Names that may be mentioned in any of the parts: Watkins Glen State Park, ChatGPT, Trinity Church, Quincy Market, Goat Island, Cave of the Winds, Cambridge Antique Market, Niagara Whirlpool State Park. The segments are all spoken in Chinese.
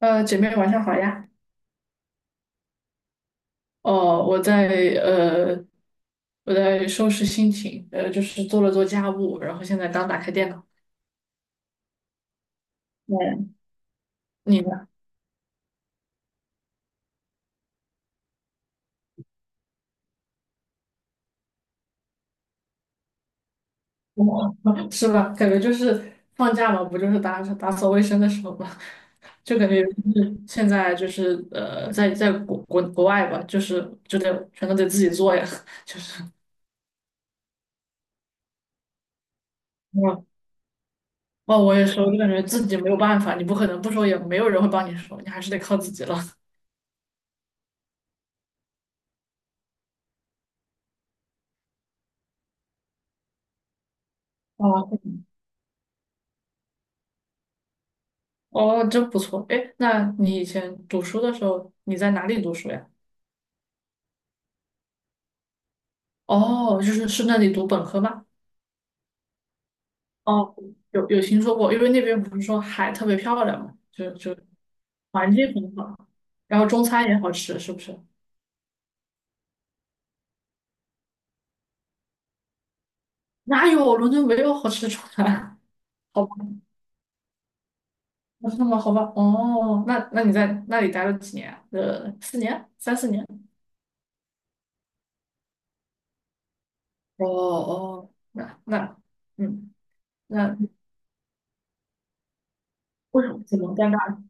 姐妹晚上好呀。哦，我在呃，我在收拾心情，就是做家务，然后现在刚打开电脑。嗯，你呢？我 是吧？感觉就是放假嘛，不就是打打扫卫生的时候嘛，就感觉就是现在就是在在国外吧，就是就得全都得自己做呀。哇哦，我也是，我就感觉自己没有办法，你不可能不收，也没有人会帮你收，你还是得靠自己了。哦。哦，真不错。哎，那你以前读书的时候，你在哪里读书呀？哦，就是是那里读本科吗？哦，有有听说过，因为那边不是说海特别漂亮嘛，就环境很好，然后中餐也好吃，是不是？哪有伦敦没有好吃的中餐？好吧，那是吗？好吧，哦，那你在那里待了几年啊四年，三四年。哦哦，那那嗯，那为什么怎么尴尬？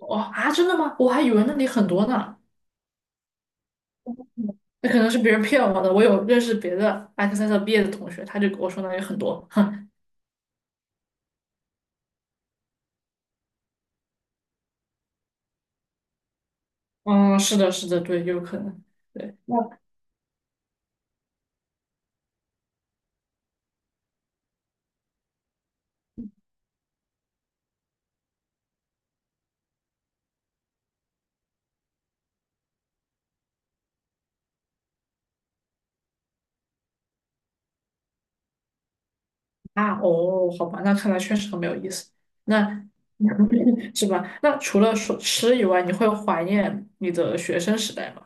哦啊，真的吗？我还以为那里很多呢。那可能是别人骗我的。我有认识别的埃克塞特毕业的同学，他就跟我说那里很多。哼，嗯，是的，是的，对，有可能。对，那啊，哦，好吧，那看来确实很没有意思。那 是吧？那除了说吃以外，你会怀念你的学生时代吗？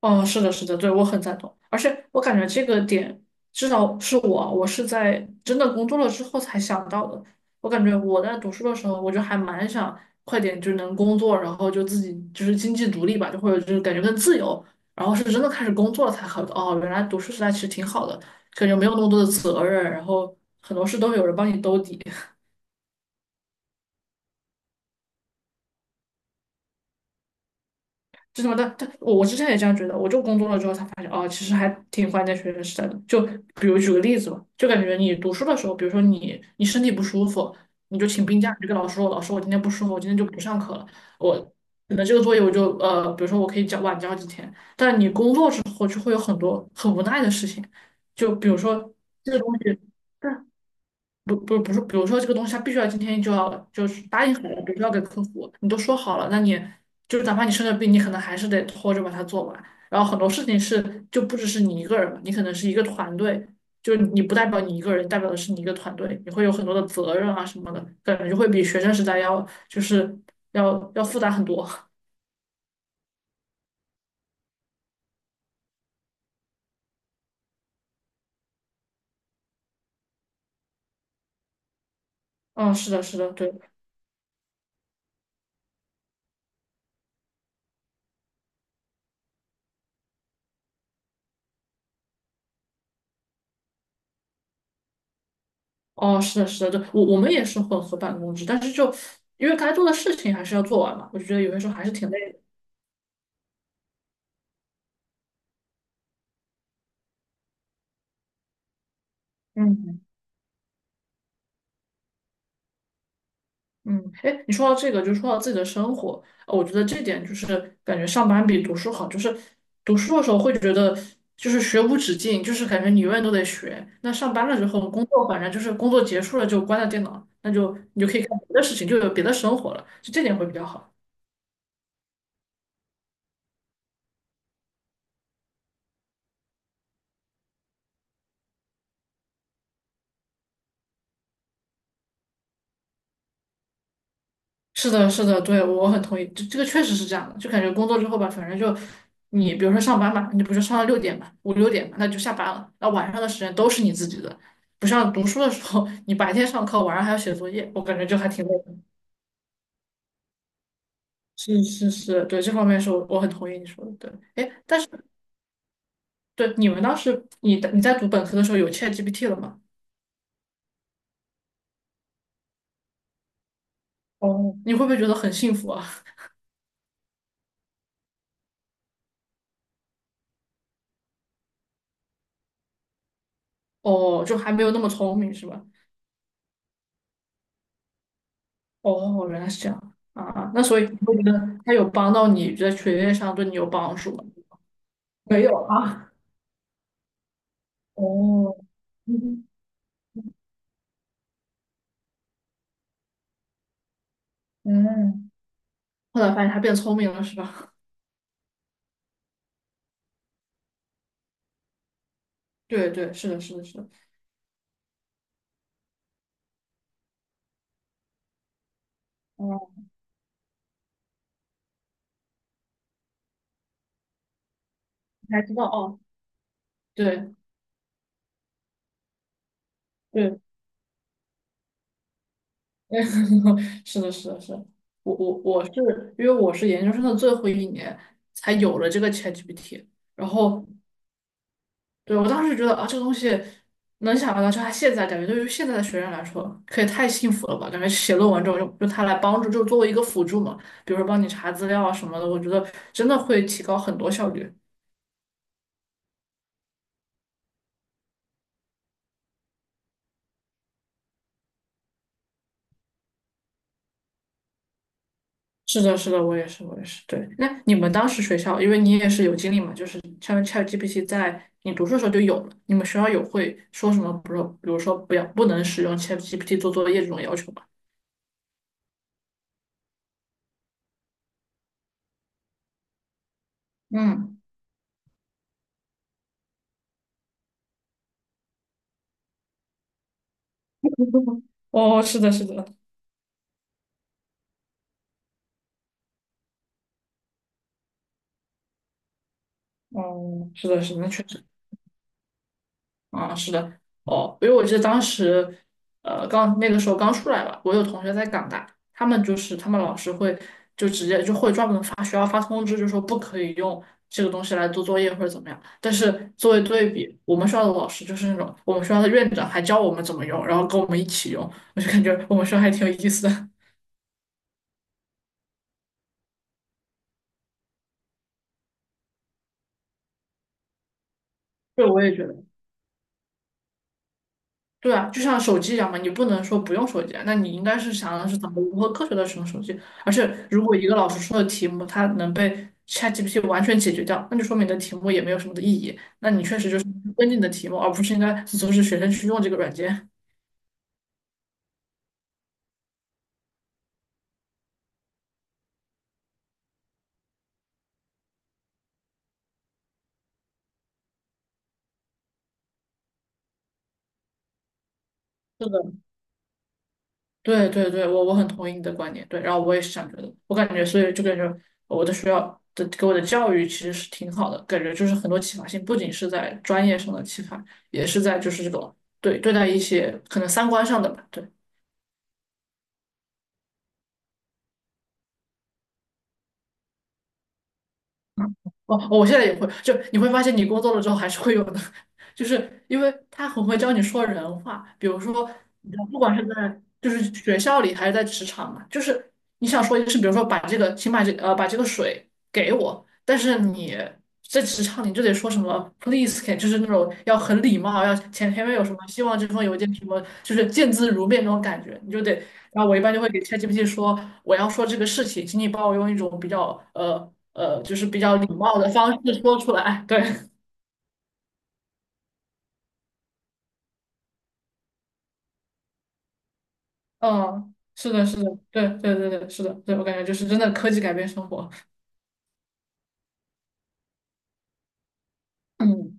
哦，是的，是的，对，我很赞同，而且我感觉这个点，至少是我，我是在真的工作了之后才想到的。我感觉我在读书的时候，我就还蛮想快点就能工作，然后就自己就是经济独立吧，就或者就是感觉更自由。然后是真的开始工作了才好，哦，原来读书时代其实挺好的，感觉没有那么多的责任，然后很多事都有人帮你兜底。就什么的，但我之前也这样觉得，我就工作了之后才发现，哦，其实还挺怀念学生时代的。就比如举个例子吧，就感觉你读书的时候，比如说你身体不舒服，你就请病假，你就跟老师说，老师我今天不舒服，我今天就不上课了，我那这个作业我就比如说我可以交几天。但你工作之后就会有很多很无奈的事情，就比如说这个东西。不是，比如说这个东西，它必须要今天就要就是答应好了，比如说要给客户，你都说好了，那你就是哪怕你生了病，你可能还是得拖着把它做完。然后很多事情是就不只是你一个人嘛，你可能是一个团队，就是你不代表你一个人，代表的是你一个团队，你会有很多的责任啊什么的，感觉会比学生时代要就是要复杂很多。嗯，是的，是的，对，哦，是的，是的，对，我我们也是混合办公制，但是就因为该做的事情还是要做完嘛，我就觉得有些时候还是挺累的。嗯。嗯，哎，你说到这个，就说到自己的生活，我觉得这点就是感觉上班比读书好，就是读书的时候会觉得就是学无止境，就是感觉你永远都得学。那上班了之后，工作反正就是工作结束了就关了电脑，那就你就可以干别的事情，就有别的生活了，就这点会比较好。是的，是的，对，我很同意，这个确实是这样的，就感觉工作之后吧，反正就你比如说上班嘛，你不是上到六点嘛，五六点嘛，那就下班了，那晚上的时间都是你自己的，不像读书的时候，你白天上课，晚上还要写作业，我感觉就还挺累的。是是是，对，这方面是我很同意你说的，对，哎，但是对你们当时你在读本科的时候有 ChatGPT 了吗？哦，你会不会觉得很幸福啊？哦，就还没有那么聪明是吧？哦，哦原来是这样啊，那所以你会觉得他有帮到你在学业上对你有帮助吗？没有啊，哦，嗯，嗯，后来发现他变聪明了，是吧？对对，是的，是的，是的，哦，你还知道哦，对对，是的，是的，是的，我是因为我是研究生的最后一年才有了这个 ChatGPT，然后对，我当时觉得啊，这个东西能想到，就他现在感觉对于现在的学生来说，可以太幸福了吧？感觉写论文这种用它来帮助，就作为一个辅助嘛，比如说帮你查资料啊什么的，我觉得真的会提高很多效率。是的，是的，我也是，我也是。对，那你们当时学校，因为你也是有经历嘛，就是像 ChatGPT 在你读书的时候就有了，你们学校有会说什么，比如说不要不能使用 ChatGPT 做作业这种要求吗？嗯，哦，是的，是的，哦，是的，是的，那确实。啊，是的，哦，因为我记得当时，刚那个时候刚出来吧，我有同学在港大，他们就是他们老师会就直接就会专门发学校发通知，就说不可以用这个东西来做作业或者怎么样。但是作为对比，我们学校的老师就是那种我们学校的院长还教我们怎么用，然后跟我们一起用，我就感觉我们学校还挺有意思的。对，我也觉得。对啊，就像手机一样嘛，你不能说不用手机啊那你应该是想的是怎么如何科学的使用手机。而且，如果一个老师出的题目，它能被 ChatGPT 完全解决掉，那就说明你的题目也没有什么的意义。那你确实就是跟进你的题目，而不是应该阻止学生去用这个软件。是的。对对对，我很同意你的观点，对，然后我也是这样觉得，我感觉所以就感觉我的学校的给我的教育其实是挺好的，感觉就是很多启发性，不仅是在专业上的启发，也是在就是这种对对待一些可能三观上的吧，对。哦，哦我现在也会，就你会发现你工作了之后还是会有的，就是因为他很会教你说人话，比如说，你知道不管是在就是学校里还是在职场嘛，就是你想说一个事，比如说把这个，请把这把这个水给我，但是你在职场你就得说什么 please can，就是那种要很礼貌，要前面有什么希望这封邮件什么，就是见字如面那种感觉，你就得然后我一般就会给 ChatGPT 说，我要说这个事情，请你帮我用一种比较就是比较礼貌的方式说出来。对，嗯，是的，是的，对对对对，是的，对我感觉就是真的科技改变生活。嗯，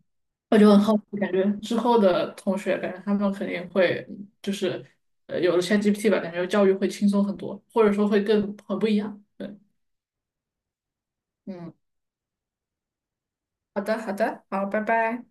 我就很好奇，感觉之后的同学，感觉他们肯定会就是有了 ChatGPT 吧，感觉教育会轻松很多，或者说会更很不一样。对，嗯，好的好的，好，拜拜。